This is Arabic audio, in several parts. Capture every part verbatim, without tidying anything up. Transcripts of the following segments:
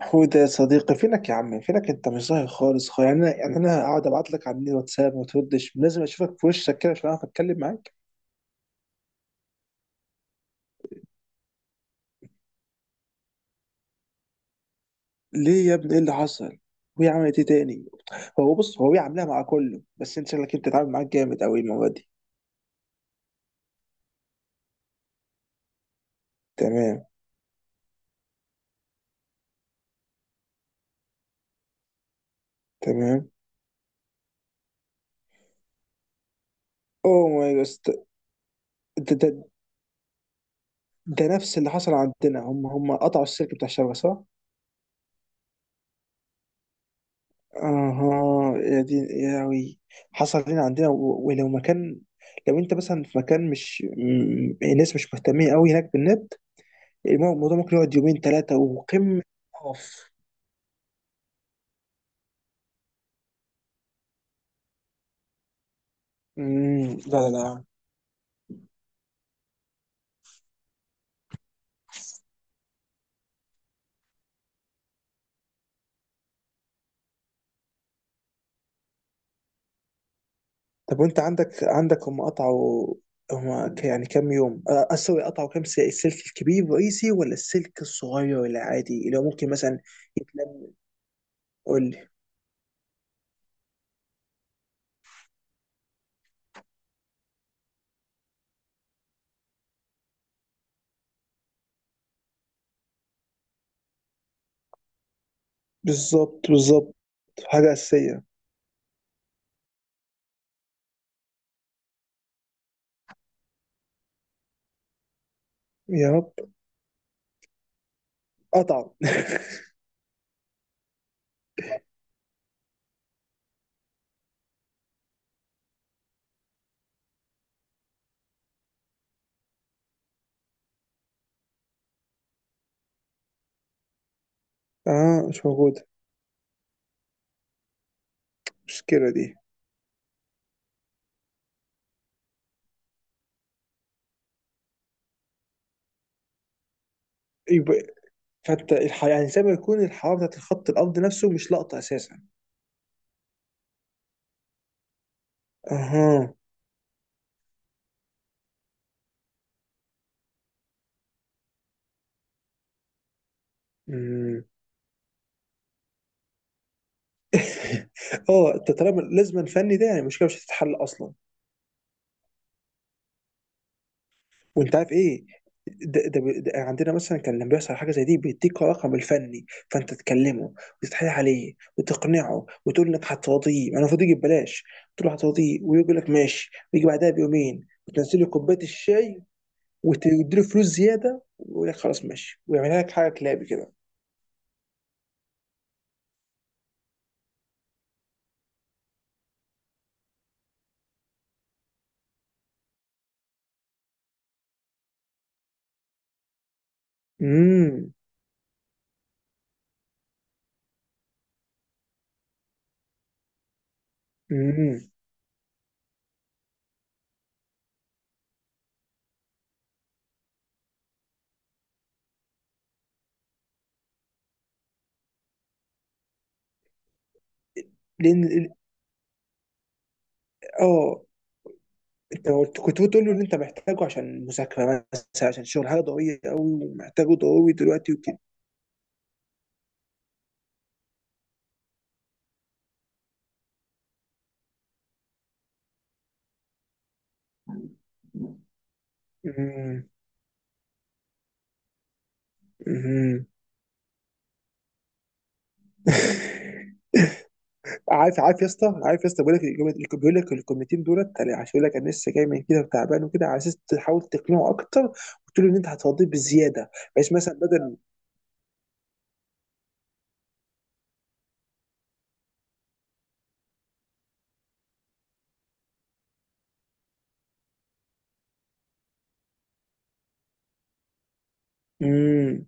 حوده، يا صديقي، فينك يا عم؟ فينك؟ انت مش ظاهر خالص خالص. يعني انا يعني انا اقعد ابعت لك على الواتساب وما تردش. لازم اشوفك في وشك كده عشان اعرف اتكلم معاك. ليه يا ابني؟ ايه اللي حصل؟ وهي عملت ايه تاني؟ هو بص، هو هي عاملاها مع كله، بس انت شكلك انت اتعامل معاك جامد قوي المره دي. تمام. تمام. اوه ماي جاد. ده, ده, ده نفس اللي حصل عندنا. هم هم قطعوا السلك بتاع الشبكه، صح؟ اها، يا دين يا وي. حصل هنا عندنا. و- ولو مكان، لو انت مثلا في مكان مش م- الناس مش مهتمين قوي هناك بالنت، المو- الموضوع ممكن يقعد يومين ثلاثة. وقمة! اوف. مم، لا لا لا. طب وانت عندك عندك هم قطعوا؟ هم ك- يعني كام يوم؟ أ- اسوي قطعوا كام؟ س- السلك الكبير الرئيسي، ولا السلك الصغير، ولا عادي اللي هو ممكن مثلا يتلم؟ قول لي. بالظبط، بالظبط. حاجة أساسية. يا رب. قطعوا اه، مش موجود المشكلة دي؟ يبقى فانت الح... يعني زي ما يكون الحرارة بتاعت الخط الأرض نفسه مش لقطة أساسا. أها. أمم. اه، انت طالما لازم الفني ده، يعني المشكله مش هتتحل اصلا. وانت عارف ايه؟ ده, ده, بي- ده عندنا مثلا كان لما بيحصل حاجه زي دي بيديك رقم الفني، فانت تكلمه وتتحايل عليه وتقنعه وتقول انك هتراضيه. انا المفروض يجي ببلاش. تقول له هتراضيه ويقول لك ماشي، ويجي بعدها بيومين، وتنزل له كوبايه الشاي وتديله فلوس زياده ويقول لك خلاص ماشي، ويعملها لك حاجه كلابي كده. امم. امم. لان ال- اه، انت قلت- كنت بتقول له ان انت محتاجه عشان مذاكره مثلا، عشان شغل، حاجه ضروريه قوي ومحتاجه ضروري دلوقتي وكده. امم. امم. عارف عارف يا اسطى عارف يا اسطى، بيقول لك الجملة- بيقول لك الكلمتين دولت أنا عشان يقول لك انا لسه جاي من كده وتعبان وكده، على اساس تحاول تقنعه اكتر وتقول له ان انت هترضيه بزياده، بحيث مثلا بدل. امم.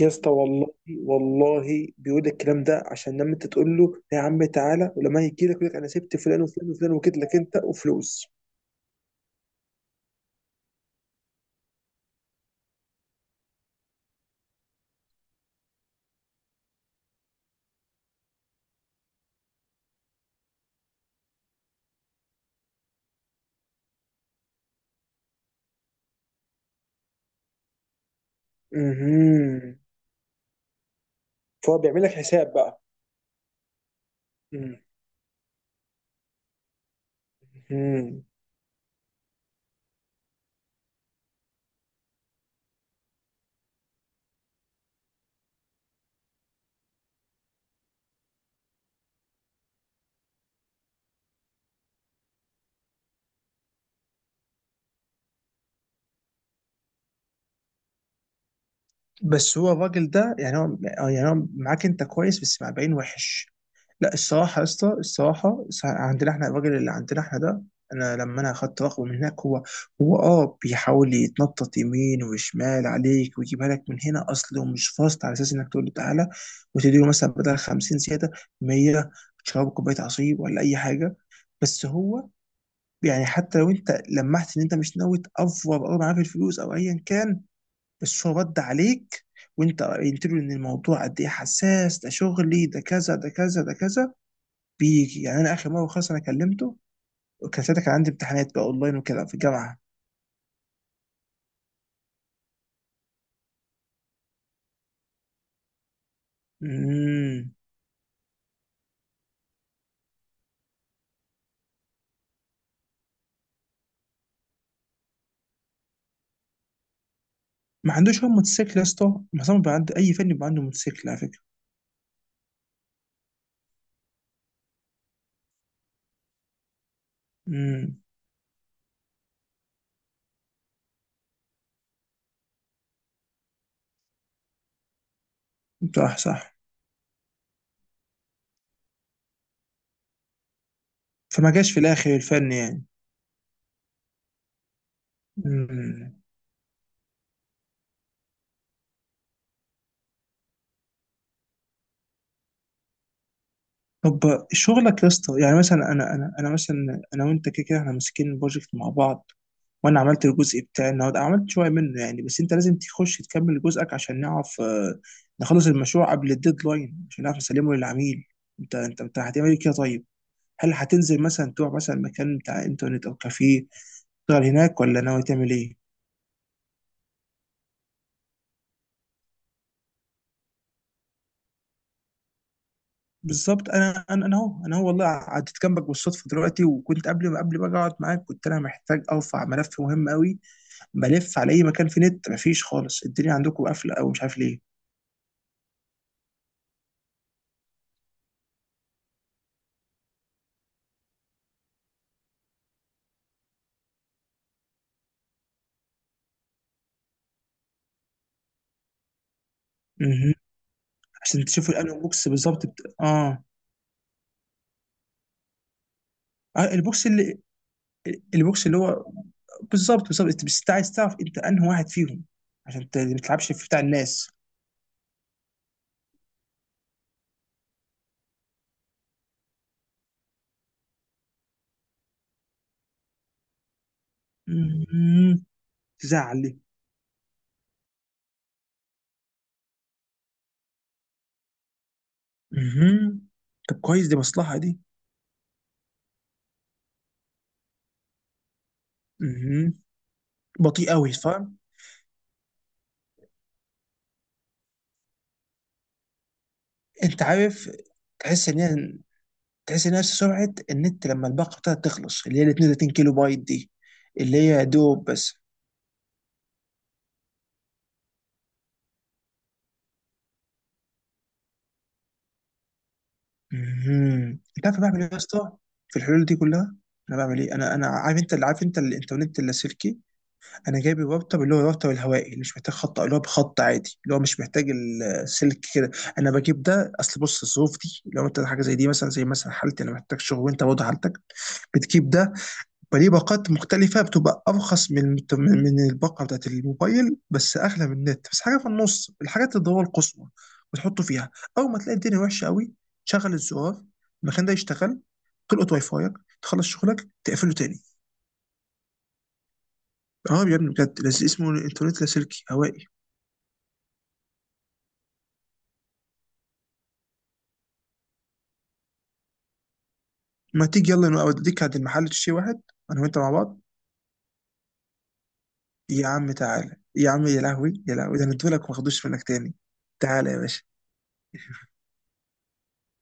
يا اسطى والله، والله بيقول لك الكلام ده عشان لما انت تقول له يا عم تعالى، ولما يجي لك يقول لك انا سبت فلان وفلان وفلان وجيت لك انت، وفلوس. امم. فهو بيعمل لك حساب بقى. امم. بس هو الراجل ده، يعني هو، يعني هو معاك انت كويس بس مع باين وحش. لا، الصراحة يا اسطى، الصراحة الص- عندنا احنا الراجل اللي عندنا احنا ده، انا لما انا اخدت رقمه من هناك، هو، هو اه بيحاول يتنطط يمين وشمال عليك ويجيبها لك من هنا. اصله مش فاصل، على اساس انك تقول له تعالى وتديله مثلا بدل خمسين زيادة مية، تشرب كوباية عصير ولا اي حاجة. بس هو يعني حتى لو انت لمحت ان انت مش ناوي تأفور او معاه في الفلوس او ايا كان، بس هو رد عليك وانت قلت له ان الموضوع قد ايه حساس، ده شغلي، ده كذا، ده كذا، ده كذا، بيجي. يعني انا اخر مره خلاص انا كلمته، وكان ساعتها كان عندي امتحانات بقى اونلاين وكده في الجامعه. امم. ما عندوش هو موتوسيكل يا اسطى؟ معظم بيبقى عنده، اي فني بيبقى عنده موتوسيكل على فكره. امم. صح، صح. فما جاش في الاخر الفن، يعني. امم. طب شغلك يا اسطى، يعني مثلا انا انا انا مثلا انا وانت كده كده احنا ماسكين بروجكت مع بعض، وانا عملت الجزء بتاعي النهارده، عملت شويه منه يعني، بس انت لازم تخش تكمل جزءك عشان نعرف آه، نخلص المشروع قبل الديدلاين عشان نعرف نسلمه للعميل. انت انت انت هتعمل ايه كده طيب؟ هل هتنزل مثلا تروح مثلا مكان بتاع انترنت او كافيه تشتغل هناك، ولا ناوي تعمل ايه؟ بالظبط، انا انا انا اهو انا هو والله قعدت جنبك بالصدفه دلوقتي، وكنت قبل ما قبل ما اقعد معاك كنت انا محتاج ارفع ملف مهم قوي. بلف على اي مكان في نت، مفيش خالص. الدنيا عندكم قافله او مش عارف ليه. مهم. عشان تشوفوا الانو بوكس بالظبط، بت... اه آه، البوكس اللي البوكس اللي هو، بالظبط، بالظبط. انت بس عايز تعرف انت انهي واحد فيهم، عشان ت- ما تلعبش في بتاع الناس. مهم. تزعل ليه؟ مهم. طب كويس، دي مصلحه دي. مهم. بطيء قوي، فاهم؟ انت عارف، تحس ان هي، تحس ان هي سرعه النت لما الباقه بتاعتها تخلص، اللي هي ال اتنين وتلاتين كيلو بايت دي، اللي هي دوب بس. مهم. انت عارف بعمل ايه يا اسطى في الحلول دي كلها؟ انا بعمل ايه، انا انا عارف انت اللي عارف، انت الانترنت اللاسلكي، انا جايب الراوتر، اللي هو الراوتر الهوائي، اللي مش محتاج خط، اللي هو بخط عادي، اللي هو مش محتاج السلك كده. انا بجيب ده، اصل بص، الظروف دي لو انت حاجه زي دي، مثلا زي مثلا حالتي، انا محتاج شغل، وانت برضه حالتك، بتجيب ده. فليه باقات مختلفة بتبقى أرخص من، من من الباقة بتاعت الموبايل، بس أغلى من النت بس، حاجة في النص الحاجات الضرورة القصوى، وتحطه فيها. أول ما تلاقي الدنيا وحشة قوي، تشغل الزرار، المكان ده يشتغل، تلقط واي فايك، تخلص شغلك، تقفله تاني. اه يا ابني بجد، لز- اسمه الإنترنت لاسلكي هوائي. ما تيجي يلا نبقى أوديك عند المحل تشتري واحد، أنا وأنت مع بعض. يا عم تعالى يا عم، يا لهوي يا لهوي، ده أنا ادولك ما خدوش منك تاني. تعالى يا باشا.